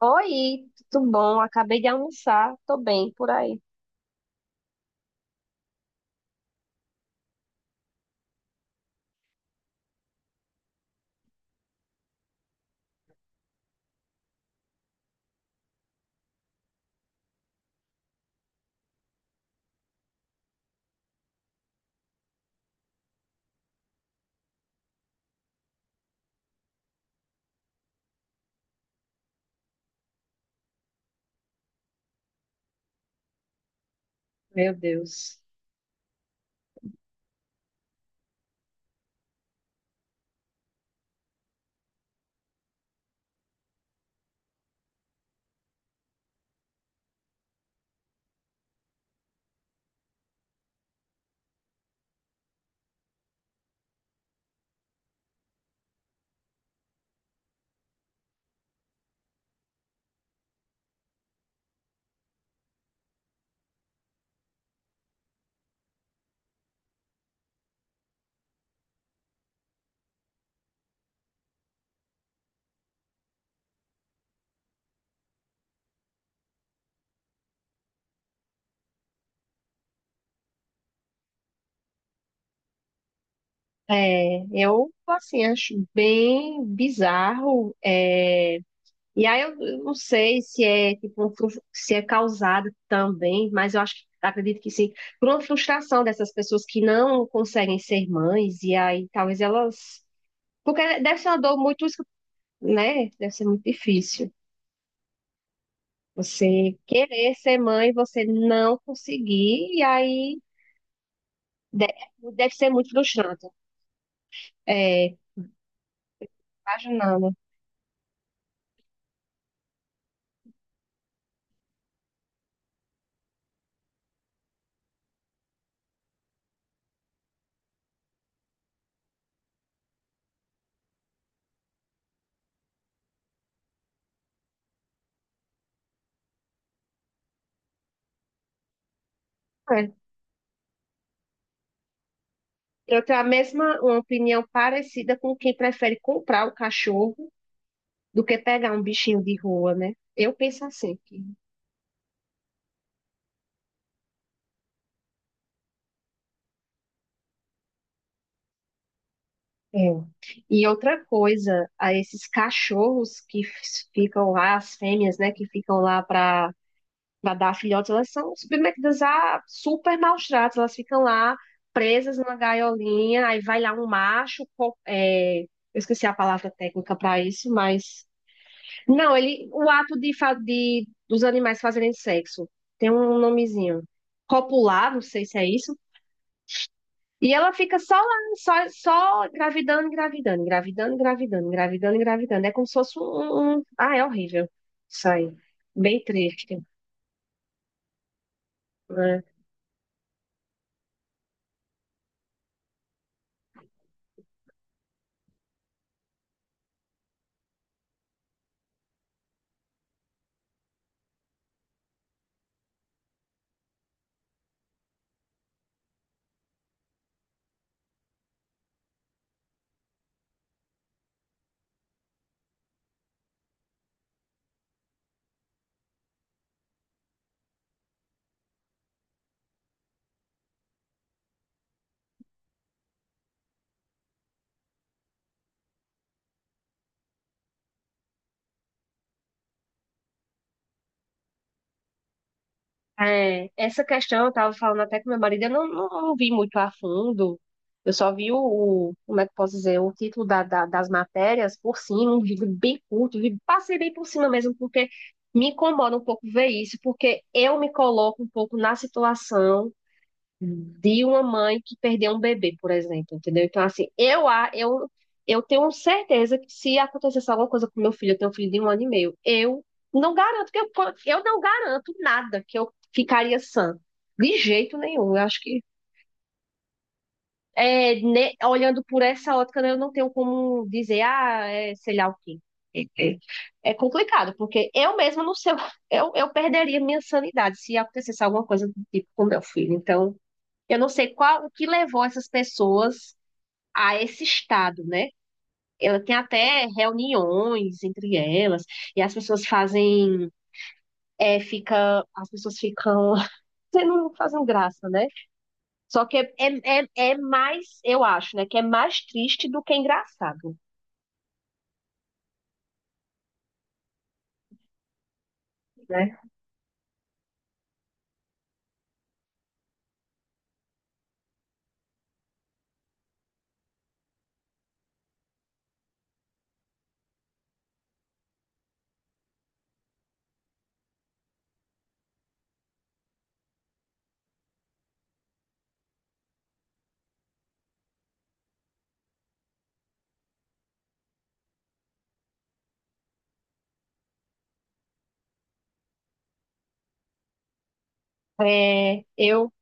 Oi, tudo bom? Acabei de almoçar, tô bem por aí. Meu Deus. É, eu, assim, acho bem bizarro. E aí eu não sei se é, tipo, se é causado também, mas eu acho, acredito que sim, por uma frustração dessas pessoas que não conseguem ser mães, e aí talvez elas... Porque deve ser uma dor muito, né? Deve ser muito difícil. Você querer ser mãe, você não conseguir, e aí De- deve ser muito frustrante. É, imaginando. É. Eu tenho a mesma uma opinião parecida com quem prefere comprar o cachorro do que pegar um bichinho de rua, né? Eu penso assim. É. E outra coisa, a esses cachorros que ficam lá, as fêmeas, né, que ficam lá para dar filhotes, elas são submetidas a super maus tratos. Elas ficam lá presas numa gaiolinha, aí vai lá um macho, eu esqueci a palavra técnica para isso, mas não, ele, o ato de dos animais fazerem sexo tem um nomezinho, copular, não sei se é isso. E ela fica só lá, só, engravidando, engravidando, engravidando, engravidando, engravidando, engravidando. É como se fosse um... Ah, é horrível. Isso aí. Bem triste. Né? É, essa questão eu tava falando até com meu marido, eu não vi muito a fundo. Eu só vi como é que eu posso dizer, o título das matérias por cima, um vídeo bem curto, passei bem por cima mesmo, porque me incomoda um pouco ver isso, porque eu me coloco um pouco na situação de uma mãe que perdeu um bebê, por exemplo, entendeu? Então, assim, eu tenho certeza que se acontecesse alguma coisa com meu filho, eu tenho um filho de um ano e meio, eu não garanto que eu não garanto nada que eu ficaria sã. De jeito nenhum. Eu acho que é, né, olhando por essa ótica, né, eu não tenho como dizer, ah, é, sei lá o quê. É, é- é complicado, porque eu mesma não sei, eu perderia minha sanidade se acontecesse alguma coisa do tipo com meu filho. Então, eu não sei qual o que levou essas pessoas a esse estado, né? Ela tem até reuniões entre elas, e as pessoas fazem, as pessoas ficam, não fazem graça, né? Só que é mais, eu acho, né? Que é mais triste do que engraçado, né? É, eu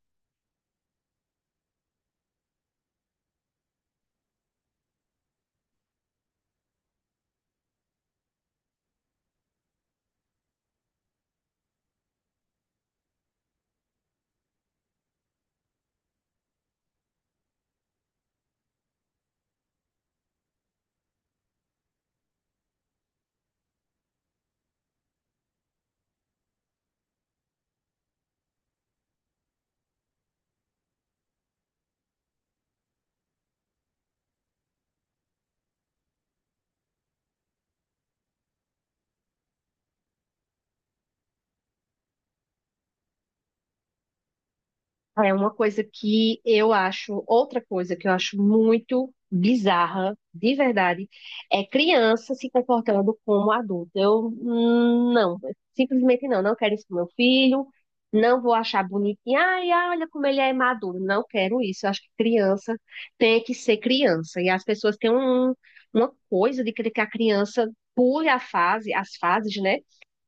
É uma coisa que eu acho, outra coisa que eu acho muito bizarra, de verdade, é criança se comportando como adulto. Eu não, simplesmente não quero isso pro meu filho, não vou achar bonitinho, ai, ai, olha como ele é maduro, não quero isso. Eu acho que criança tem que ser criança. E as pessoas têm uma coisa de querer que a criança pule a fase, as fases, né?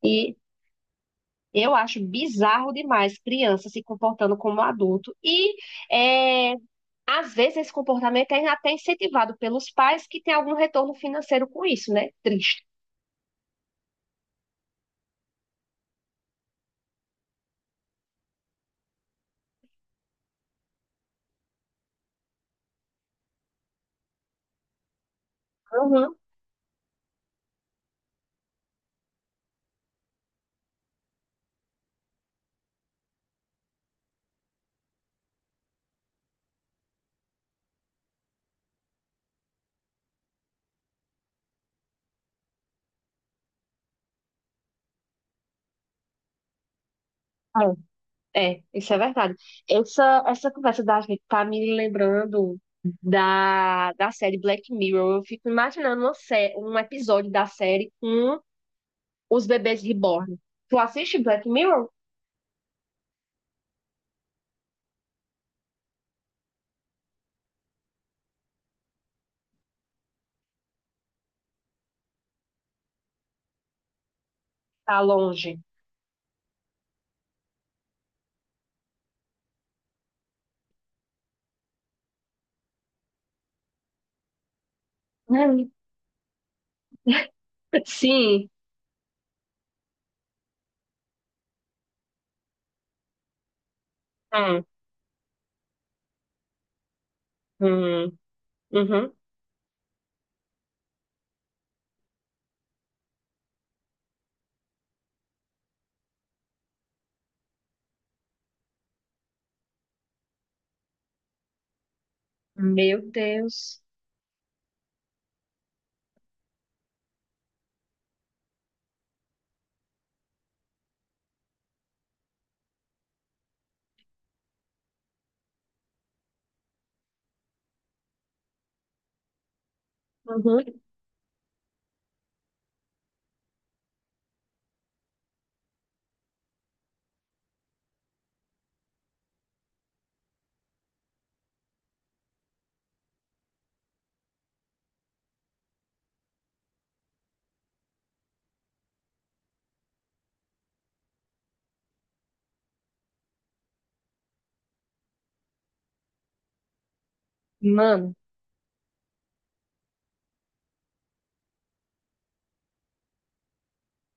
E eu acho bizarro demais criança se comportando como adulto. E é, às vezes esse comportamento é até incentivado pelos pais que têm algum retorno financeiro com isso, né? Triste. Uhum. É, é, isso é verdade. Essa conversa da gente tá me lembrando da série Black Mirror. Eu fico imaginando um episódio da série com os bebês reborn. Tu assiste Black Mirror? Tá longe. É. Sim. Hum, hum, uhum. Meu Deus. Uhum. Mano,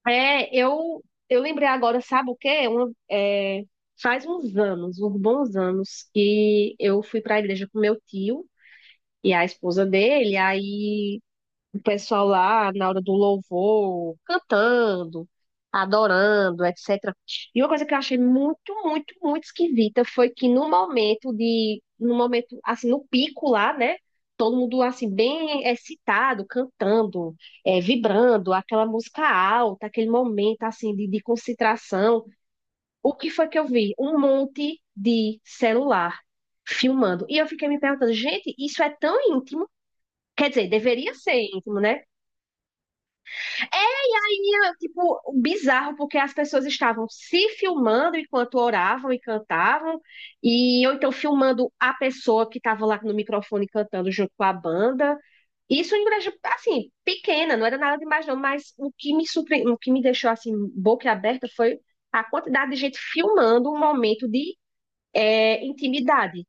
é, eu, eu lembrei agora, sabe o quê? Faz uns anos, uns bons anos, que eu fui para a igreja com meu tio e a esposa dele, aí o pessoal lá na hora do louvor, cantando, adorando, etc. E uma coisa que eu achei muito, muito, muito esquisita foi que no momento, assim, no pico lá, né? Todo mundo, assim, bem excitado, cantando, vibrando, aquela música alta, aquele momento, assim, de concentração. O que foi que eu vi? Um monte de celular filmando. E eu fiquei me perguntando, gente, isso é tão íntimo? Quer dizer, deveria ser íntimo, né? E, tipo, bizarro, porque as pessoas estavam se filmando enquanto oravam e cantavam, e ou então filmando a pessoa que estava lá no microfone cantando junto com a banda. Isso em igreja, assim, pequena, não era nada demais não, mas o que me deixou, assim, boca aberta foi a quantidade de gente filmando um momento de intimidade,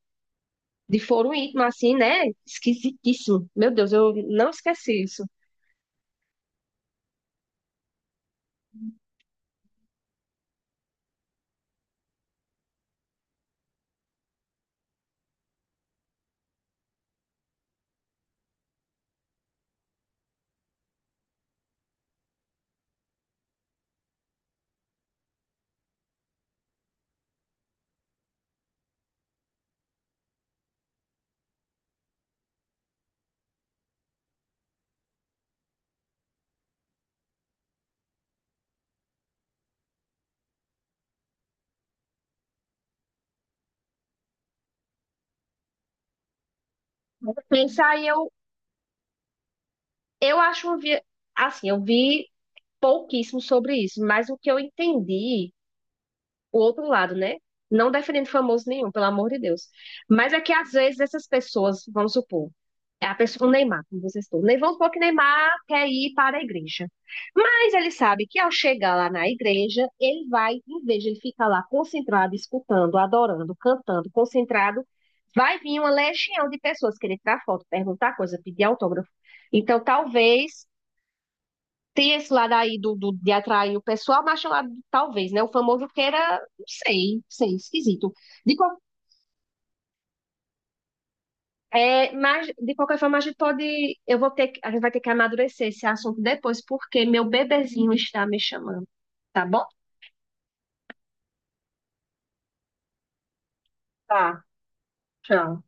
de foro íntimo, assim, né? Esquisitíssimo. Meu Deus, eu não esqueci isso. Pensa aí, eu acho assim, eu vi pouquíssimo sobre isso, mas o que eu entendi, o outro lado, né? Não defendendo famoso nenhum, pelo amor de Deus. Mas é que às vezes essas pessoas, vamos supor, é a pessoa, o Neymar, como vocês estão, nem vamos supor que Neymar quer ir para a igreja. Mas ele sabe que ao chegar lá na igreja, ele vai, em vez de ele ficar lá concentrado, escutando, adorando, cantando, concentrado, vai vir uma legião de pessoas querer tirar foto, perguntar coisa, pedir autógrafo. Então, talvez tem esse lado aí de atrair o pessoal, mas tem o lado, talvez, né? O famoso queira, não sei, não sei, esquisito. De, qual- mas, de qualquer forma, a gente pode. Eu vou ter, que- a gente vai ter que amadurecer esse assunto depois, porque meu bebezinho está me chamando, tá bom? Tá, tchau.